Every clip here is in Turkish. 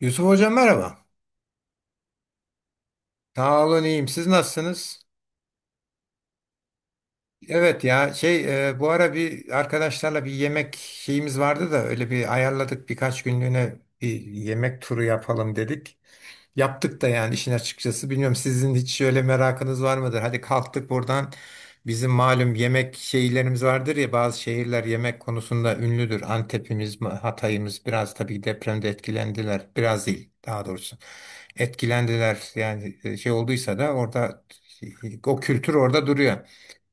Yusuf Hocam merhaba. Sağ olun iyiyim. Siz nasılsınız? Evet ya bu ara bir arkadaşlarla bir yemek şeyimiz vardı da öyle bir ayarladık birkaç günlüğüne bir yemek turu yapalım dedik. Yaptık da yani işin açıkçası. Bilmiyorum sizin hiç öyle merakınız var mıdır? Hadi kalktık buradan. Bizim malum yemek şeylerimiz vardır ya, bazı şehirler yemek konusunda ünlüdür. Antep'imiz, Hatay'ımız biraz tabii depremde etkilendiler. Biraz değil daha doğrusu. Etkilendiler yani şey olduysa da orada, e, o kültür orada duruyor.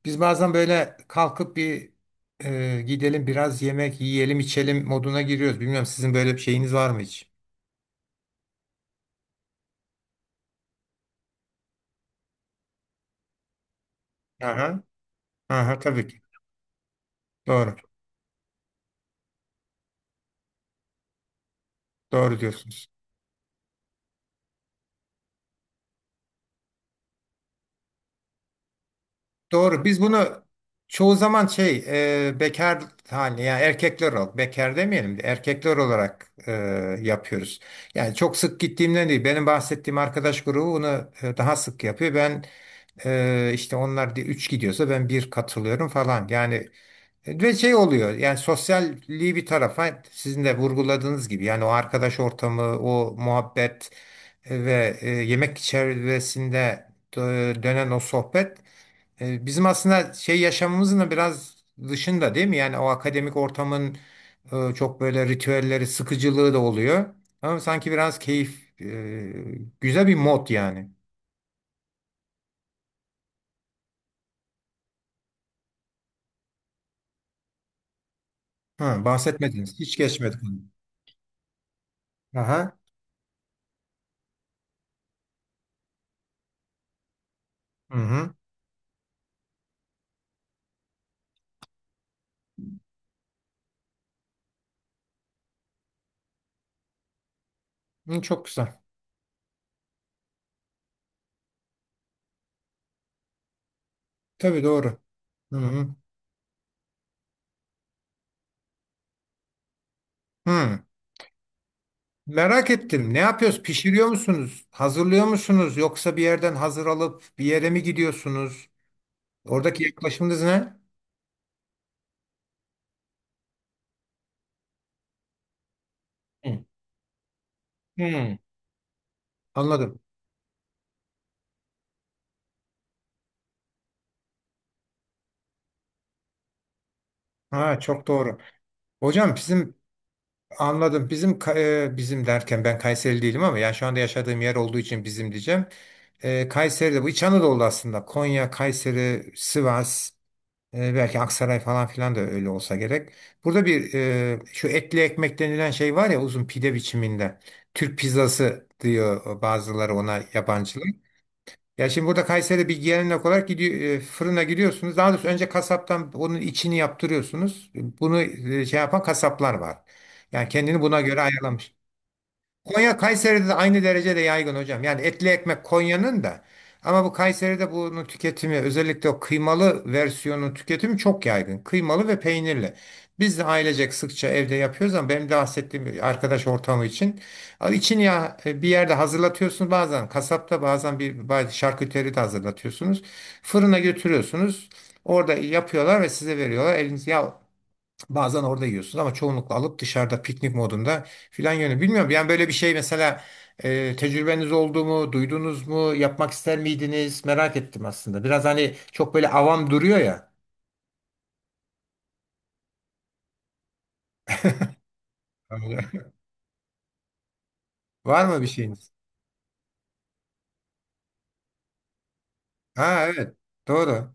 Biz bazen böyle kalkıp gidelim biraz yemek yiyelim içelim moduna giriyoruz. Bilmiyorum sizin böyle bir şeyiniz var mı hiç? Aha, aha tabii ki. Doğru. Doğru diyorsunuz. Doğru. Biz bunu çoğu zaman bekar haline, yani erkekler olarak bekar demeyelim de erkekler olarak, yapıyoruz. Yani çok sık gittiğimden değil. Benim bahsettiğim arkadaş grubu bunu, daha sık yapıyor. Ben, işte onlar üç gidiyorsa ben bir katılıyorum falan. Yani ve şey oluyor, yani sosyalliği bir tarafa sizin de vurguladığınız gibi yani o arkadaş ortamı, o muhabbet ve yemek çevresinde dönen o sohbet, bizim aslında şey yaşamımızın da biraz dışında değil mi? Yani o akademik ortamın, çok böyle ritüelleri, sıkıcılığı da oluyor. Ama sanki biraz keyif, güzel bir mod yani. Ha, bahsetmediniz. Hiç geçmedik onu. Aha. Hı hı. Hı, çok güzel. Tabii doğru. Hı hı. Hmm, merak ettim. Ne yapıyoruz? Pişiriyor musunuz? Hazırlıyor musunuz? Yoksa bir yerden hazır alıp bir yere mi gidiyorsunuz? Oradaki yaklaşımınız ne? Hmm. Hmm, anladım. Ha, çok doğru. Hocam bizim anladım. Bizim derken ben Kayseri değilim ama yani şu anda yaşadığım yer olduğu için bizim diyeceğim. Kayseri'de bu İç Anadolu aslında. Konya, Kayseri, Sivas. Belki Aksaray falan filan da öyle olsa gerek. Burada bir, şu etli ekmek denilen şey var ya, uzun pide biçiminde. Türk pizzası diyor bazıları ona, yabancılar. Ya şimdi burada Kayseri'de bir gelenek olarak gidiyor, fırına gidiyorsunuz. Daha doğrusu önce kasaptan onun içini yaptırıyorsunuz. Bunu, şey yapan kasaplar var. Yani kendini buna göre ayarlamış. Konya Kayseri'de de aynı derecede yaygın hocam. Yani etli ekmek Konya'nın da, ama bu Kayseri'de bunun tüketimi, özellikle o kıymalı versiyonun tüketimi çok yaygın. Kıymalı ve peynirli. Biz de ailecek sıkça evde yapıyoruz, ama benim de bahsettiğim bir arkadaş ortamı için. Al için ya, bir yerde hazırlatıyorsunuz, bazen kasapta bazen bazı şarküteri de hazırlatıyorsunuz. Fırına götürüyorsunuz. Orada yapıyorlar ve size veriyorlar. Eliniz ya, bazen orada yiyorsunuz ama çoğunlukla alıp dışarıda piknik modunda filan yönü. Bilmiyorum yani böyle bir şey mesela, tecrübeniz oldu mu, duydunuz mu, yapmak ister miydiniz? Merak ettim aslında. Biraz hani çok böyle avam duruyor ya. Öyle. Var mı bir şeyiniz? Ha evet, doğru.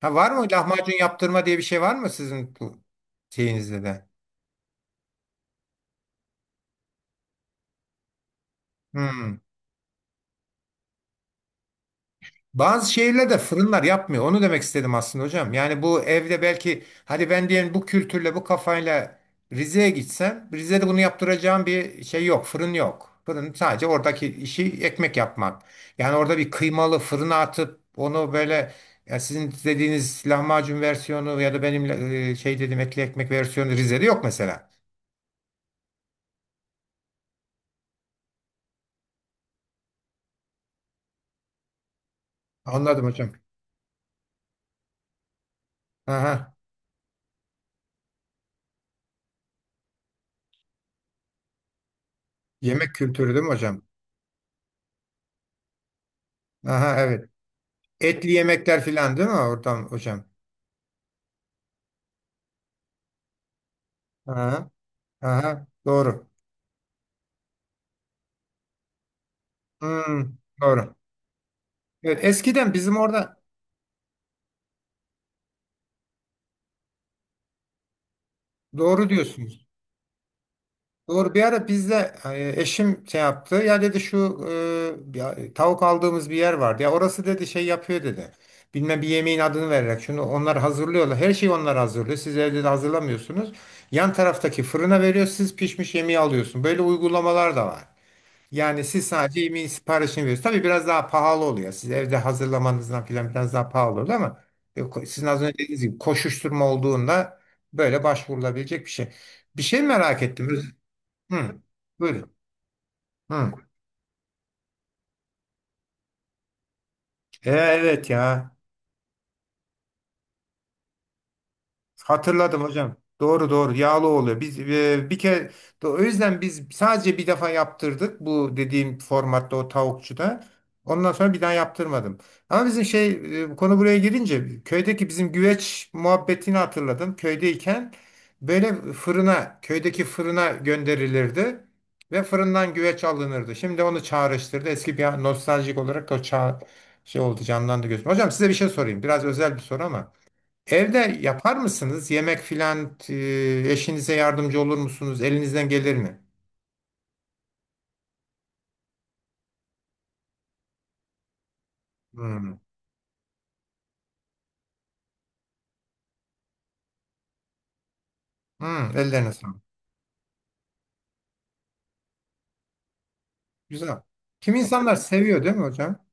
Ha, var mı lahmacun yaptırma diye bir şey var mı sizin bu şeyinizde de? Hmm. Bazı şehirlerde fırınlar yapmıyor. Onu demek istedim aslında hocam. Yani bu evde belki, hadi ben diyelim bu kültürle bu kafayla Rize'ye gitsem, Rize'de bunu yaptıracağım bir şey yok. Fırın yok. Fırın sadece oradaki işi ekmek yapmak. Yani orada bir kıymalı fırına atıp onu böyle, ya sizin dediğiniz lahmacun versiyonu ya da benim, şey dedim etli ekmek versiyonu Rize'de yok mesela. Anladım hocam. Aha. Yemek kültürü değil mi hocam? Aha evet. Etli yemekler filan değil mi oradan hocam? Aha. Aha, doğru. Hmm, doğru. Evet, eskiden bizim orada doğru diyorsunuz. Doğru. Bir ara bizde, eşim şey yaptı. Ya dedi, şu e, ya, e, tavuk aldığımız bir yer vardı. Ya orası dedi şey yapıyor dedi. Bilmem bir yemeğin adını vererek şunu onlar hazırlıyorlar. Her şeyi onlar hazırlıyor. Siz evde de hazırlamıyorsunuz. Yan taraftaki fırına veriyor. Siz pişmiş yemeği alıyorsun. Böyle uygulamalar da var. Yani siz sadece yemeğin siparişini veriyorsunuz. Tabii biraz daha pahalı oluyor. Siz evde hazırlamanızdan filan biraz daha pahalı oluyor, ama sizin az önce dediğiniz gibi koşuşturma olduğunda böyle başvurulabilecek bir şey. Bir şey merak ettim. Öz- hı, buyurun. Hı. Evet ya. Hatırladım hocam. Doğru doğru, yağlı oluyor. Bir kere o yüzden biz sadece bir defa yaptırdık bu dediğim formatta, o tavukçuda. Ondan sonra bir daha yaptırmadım. Ama bizim şey, konu buraya girince köydeki bizim güveç muhabbetini hatırladım. Köydeyken böyle fırına, köydeki fırına gönderilirdi ve fırından güveç alınırdı. Şimdi onu çağrıştırdı. Eski bir nostaljik olarak o çağ şey oldu, canlandı gözüm. Hocam, size bir şey sorayım. Biraz özel bir soru ama evde yapar mısınız? Yemek filan, eşinize yardımcı olur musunuz? Elinizden gelir mi? Hmm. Hmm, ellerine sağlık. Güzel. Kim insanlar seviyor değil mi hocam?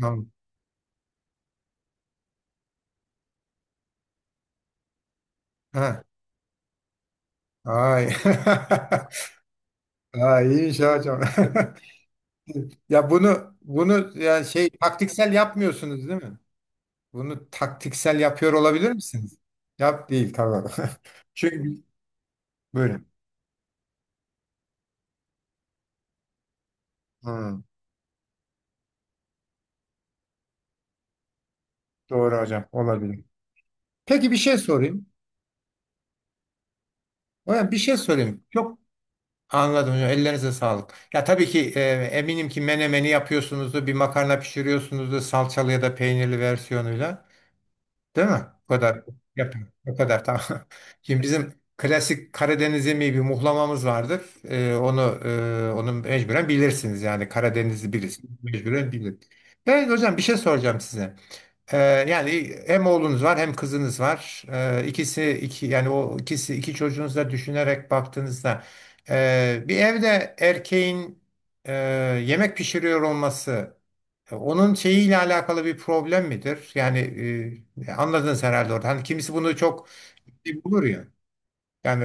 Tamam. Ha. Ay. Ay iyiymiş ya hocam. Ya bunu ya şey taktiksel yapmıyorsunuz değil mi? Bunu taktiksel yapıyor olabilir misiniz? Yap değil, tamam. Çünkü böyle. Hmm, doğru hocam, olabilir. Peki bir şey sorayım. Hocam bir şey sorayım. Çok anladım hocam. Ellerinize sağlık. Ya tabii ki, eminim ki menemeni yapıyorsunuzdur, bir makarna pişiriyorsunuzdur salçalı ya da peynirli versiyonuyla. Değil mi? Bu kadar yapın. Bu kadar tamam. Şimdi bizim klasik Karadeniz yemeği bir muhlamamız vardır. E, onu onu mecburen bilirsiniz, yani Karadenizli birisi mecburen bilir. Ben hocam bir şey soracağım size. Ee, yani hem oğlunuz var hem kızınız var. İkisi iki, yani o ikisi iki çocuğunuzu da düşünerek baktığınızda, bir evde erkeğin, e, yemek pişiriyor olması, onun şeyiyle alakalı bir problem midir? Yani, anladınız herhalde orada. Hani kimisi bunu çok şey bulur ya. Yani,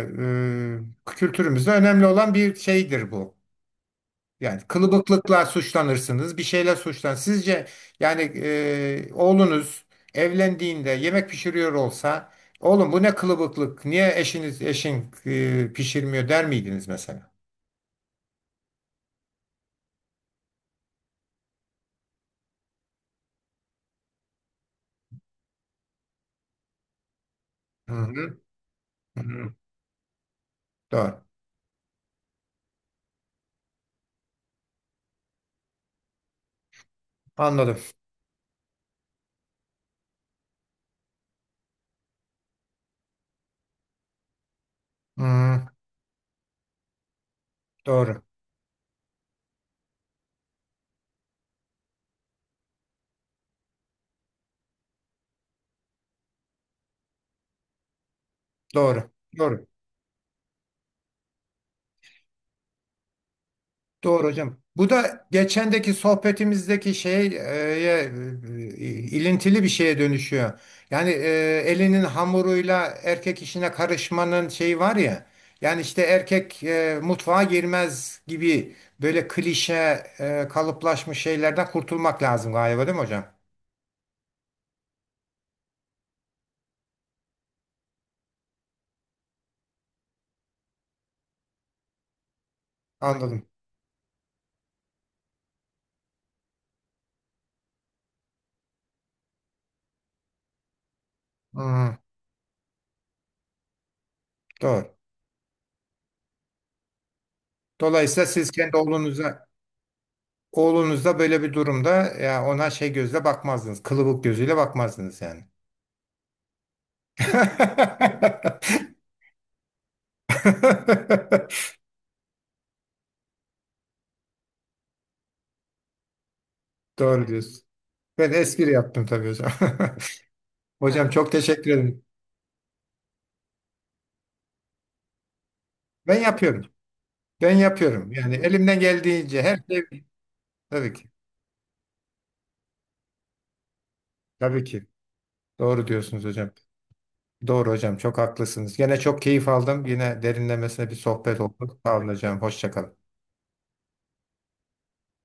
kültürümüzde önemli olan bir şeydir bu. Yani kılıbıklıkla suçlanırsınız, bir şeyler suçlan. Sizce yani, oğlunuz evlendiğinde yemek pişiriyor olsa, oğlum bu ne kılıbıklık, niye pişirmiyor der miydiniz mesela? Hı hı. Hı hı. Doğru. Anladım. Hı, hı. Doğru. Doğru. Doğru. Doğru hocam. Bu da geçendeki sohbetimizdeki şeye, ilintili bir şeye dönüşüyor. Yani, elinin hamuruyla erkek işine karışmanın şeyi var ya. Yani işte erkek, mutfağa girmez gibi böyle klişe, kalıplaşmış şeylerden kurtulmak lazım galiba değil mi hocam? Anladım. Hı, doğru. Dolayısıyla siz kendi oğlunuza, oğlunuzda böyle bir durumda ya ona şey gözle bakmazdınız. Kılıbık gözüyle bakmazdınız yani. Doğru diyorsun. Ben espri yaptım tabii hocam. Hocam çok teşekkür ederim. Ben yapıyorum. Ben yapıyorum. Yani elimden geldiğince her şey tabii ki. Tabii ki. Doğru diyorsunuz hocam. Doğru hocam. Çok haklısınız. Yine çok keyif aldım. Yine derinlemesine bir sohbet oldu. Sağ olun hocam. Hoşça kalın.